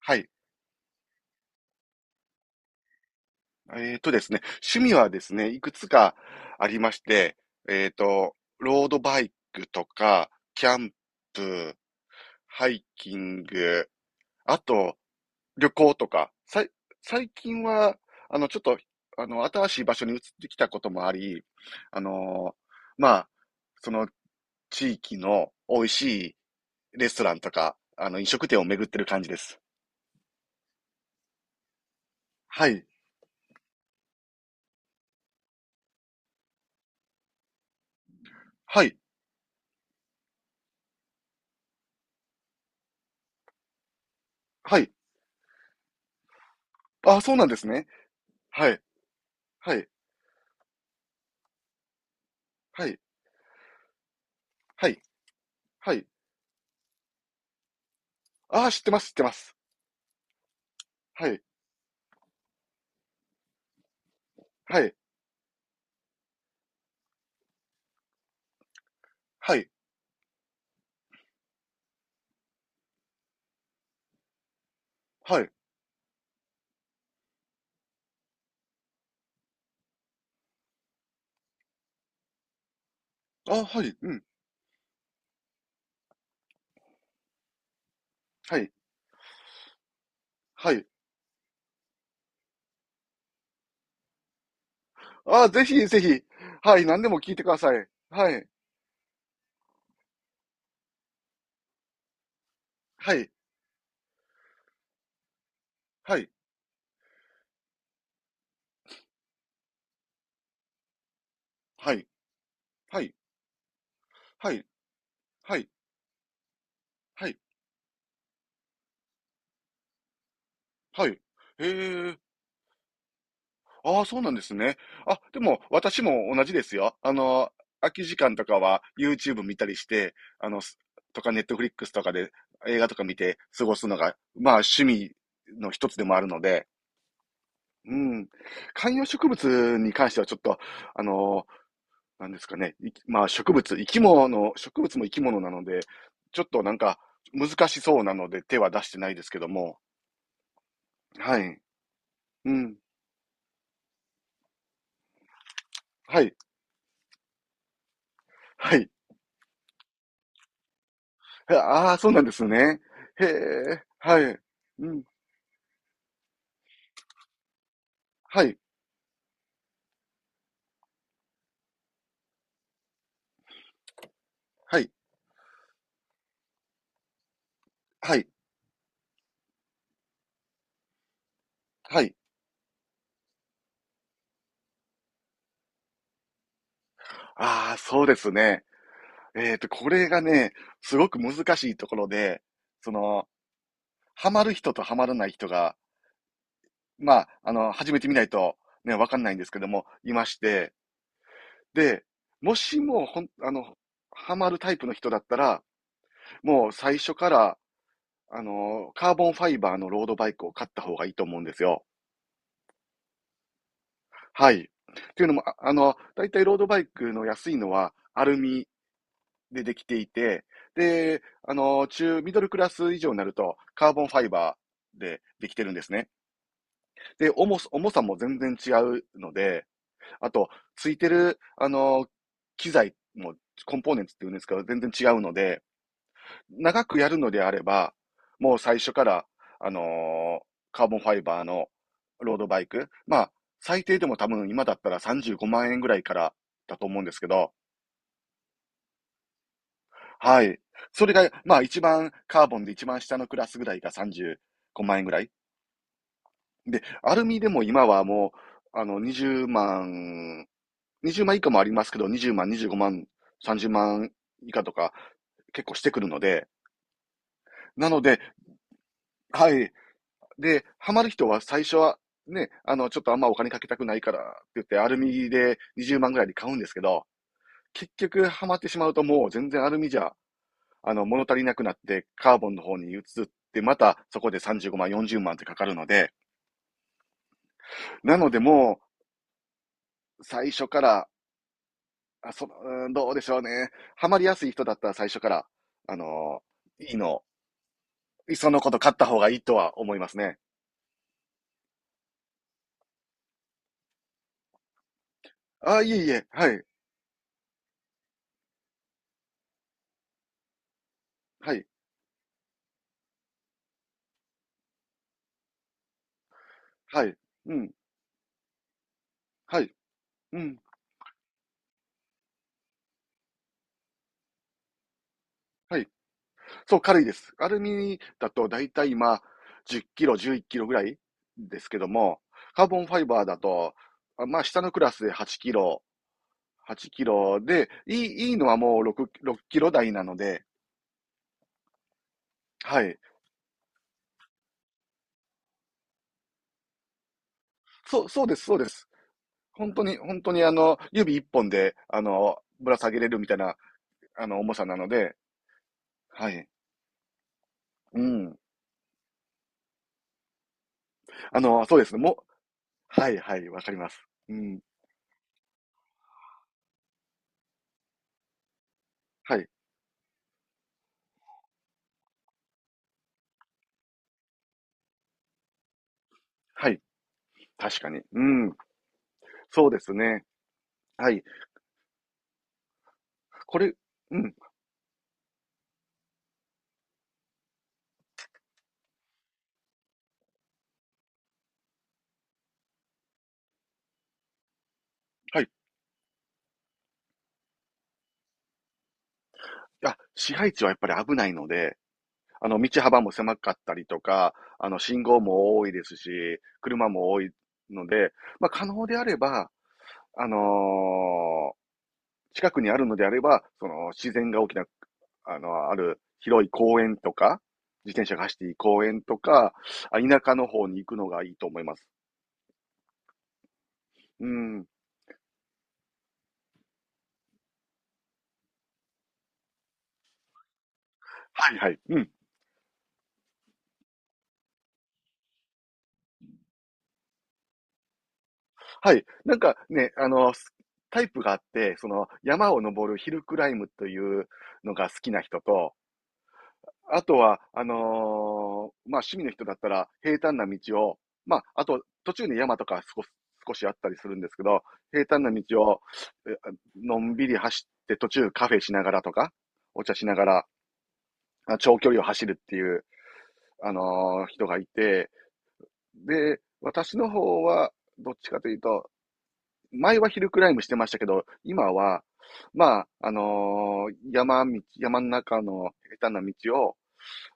はい。ですね、趣味はですね、いくつかありまして、ロードバイクとか、キャンプ、ハイキング、あと、旅行とか、最近は、ちょっと、新しい場所に移ってきたこともあり、あのまあ、その地域の美味しいレストランとか、飲食店を巡ってる感じです。はい。はい。はい。あ、そうなんですね。はい。はい。はい。はい。はい。ああ、知ってます知ってます。はい。はい。はい。はい。ああ、はい。うん。はい。はい。ああ、ぜひぜひ。はい。何でも聞いてください。はい。はい。はい。はい。はい。はい。はい。はい。はい。へえ。ああ、そうなんですね。あ、でも、私も同じですよ。空き時間とかは YouTube 見たりして、とか Netflix とかで映画とか見て過ごすのが、まあ趣味の一つでもあるので、うん。観葉植物に関してはちょっと、あの、なんですかね。まあ植物、生き物、植物も生き物なので、ちょっとなんか難しそうなので手は出してないですけども。はい。うん。はい。はい。ああー、そうなんですね。へえ、はい。うん、はい、はい、はい、はい。ああ、そうですね。これがね、すごく難しいところで、その、ハマる人とハマらない人が、まあ、始めてみないとね、わかんないんですけども、いまして、で、もしも、ハマるタイプの人だったら、もう最初から、カーボンファイバーのロードバイクを買った方がいいと思うんですよ。はい。というのも、だいたいロードバイクの安いのはアルミでできていて、で、ミドルクラス以上になるとカーボンファイバーでできてるんですね。で、重さも全然違うので、あと、ついてる、機材もコンポーネンツっていうんですけど、全然違うので、長くやるのであれば、もう最初から、あのーカーボンファイバーのロードバイク、まあ、最低でも多分今だったら35万円ぐらいからだと思うんですけど、はい。それが、まあ一番、カーボンで一番下のクラスぐらいが35万円ぐらい。で、アルミでも今はもう、20万、20万以下もありますけど、20万、25万、30万以下とか結構してくるので、なので、はい。で、ハマる人は最初は、ね、ちょっとあんまお金かけたくないからって言って、アルミで20万ぐらいで買うんですけど、結局ハマってしまうともう全然アルミじゃ、物足りなくなって、カーボンの方に移って、またそこで35万、40万ってかかるので、なのでもう、最初から、あそうんどうでしょうね。ハマりやすい人だったら最初から、あのー、いいの、いっそのこと買った方がいいとは思いますね。あ、いえいえ、はい、はい、はい、うん、はい、うん、はい。そう、軽いです。アルミだとだいたい今、10キロ、11キロぐらいですけども、カーボンファイバーだと、まあ、下のクラスで8キロ、8キロで、いいのはもう6、6キロ台なので、はい。そう、そうです、そうです。本当に、本当に指一本で、ぶら下げれるみたいな、重さなので、はい。うん。そうですね。はい、はい、わかります。うん。はい、はい。確かに。うん。そうですね。はい。これ、うん、はい。あ、市街地はやっぱり危ないので、道幅も狭かったりとか、信号も多いですし、車も多いので、まあ、可能であれば、あのー近くにあるのであれば、その、自然が大きな、ある広い公園とか、自転車が走っていい公園とか、田舎の方に行くのがいいと思います。うん。はいはい。うん。はい。なんかね、タイプがあって、その、山を登るヒルクライムというのが好きな人と、あとは、まあ、趣味の人だったら、平坦な道を、まあ、あと、途中に山とか少しあったりするんですけど、平坦な道を、えのんびり走って、途中カフェしながらとか、お茶しながら、長距離を走るっていう、人がいて、で、私の方は、どっちかというと、前はヒルクライムしてましたけど、今は、まあ、山道、山の中の下手な道を、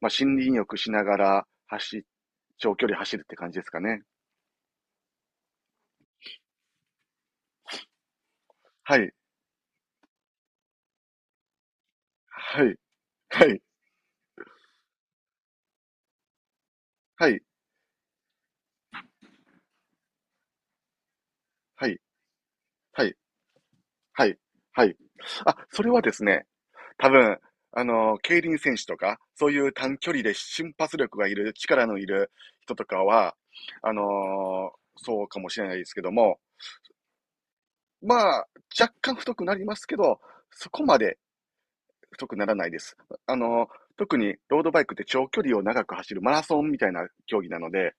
まあ、森林浴しながら長距離走るって感じですかね。はい、はい、はい、はい、はい、はい、はい、はい。あ、それはですね、多分、競輪選手とか、そういう短距離で瞬発力がいる、力のいる人とかは、そうかもしれないですけども、まあ、若干太くなりますけど、そこまで太くならないです。あの、特にロードバイクって長距離を長く走るマラソンみたいな競技なので、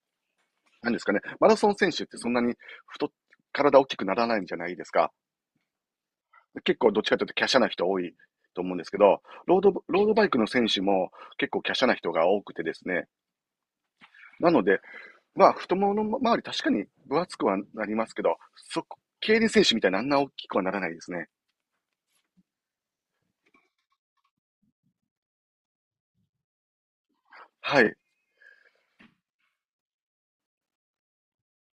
なんですかね、マラソン選手ってそんなに太っ、体大きくならないんじゃないですか。結構どっちかというと華奢な人多いと思うんですけど、ロードバイクの選手も結構華奢な人が多くてですね。なので、まあ、太ももの周り確かに分厚くはなりますけど、そこ、競輪選手みたいなあんな大きくはならないですね。はい。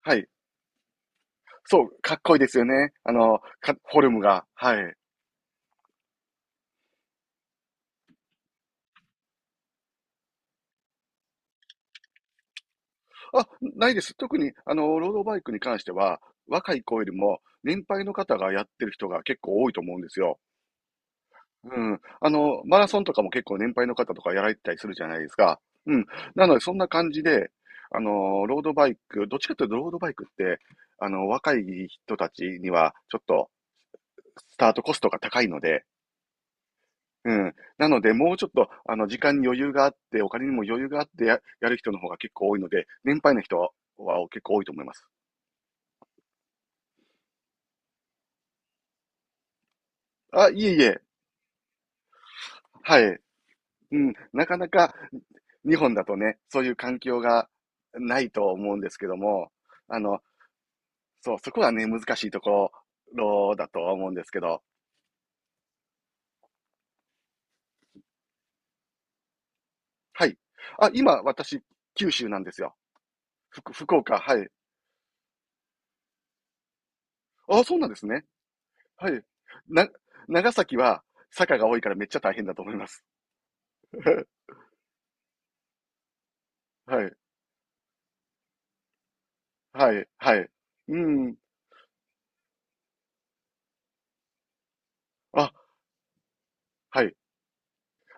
はい。そう、かっこいいですよね。フォルムが。はい。あ、ないです。特に、ロードバイクに関しては、若い子よりも、年配の方がやってる人が結構多いと思うんですよ。うん。マラソンとかも結構年配の方とかやられてたりするじゃないですか。うん。なので、そんな感じで、ロードバイク、どっちかというとロードバイクって、若い人たちには、ちょっと、スタートコストが高いので、うん。なので、もうちょっと、時間に余裕があって、お金にも余裕があってやる人の方が結構多いので、年配の人は結構多いと思います。あ、いえいえ。はい。うん。なかなか、日本だとね、そういう環境がないと思うんですけども、あの、そう、そこはね、難しいところだとは思うんですけど、はい。あ、今、私、九州なんですよ。福岡、はい。あ、そうなんですね。はい。な、長崎は坂が多いからめっちゃ大変だと思います。はい。はい。はい。うん。あ、はい。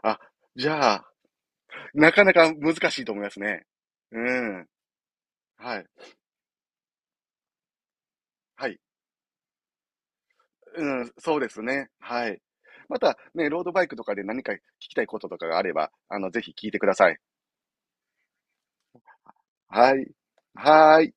あ、じゃあ、なかなか難しいと思いますね。うん。はい。はい。うん。そうですね。はい。またね、ロードバイクとかで何か聞きたいこととかがあれば、ぜひ聞いてください。はい。はい。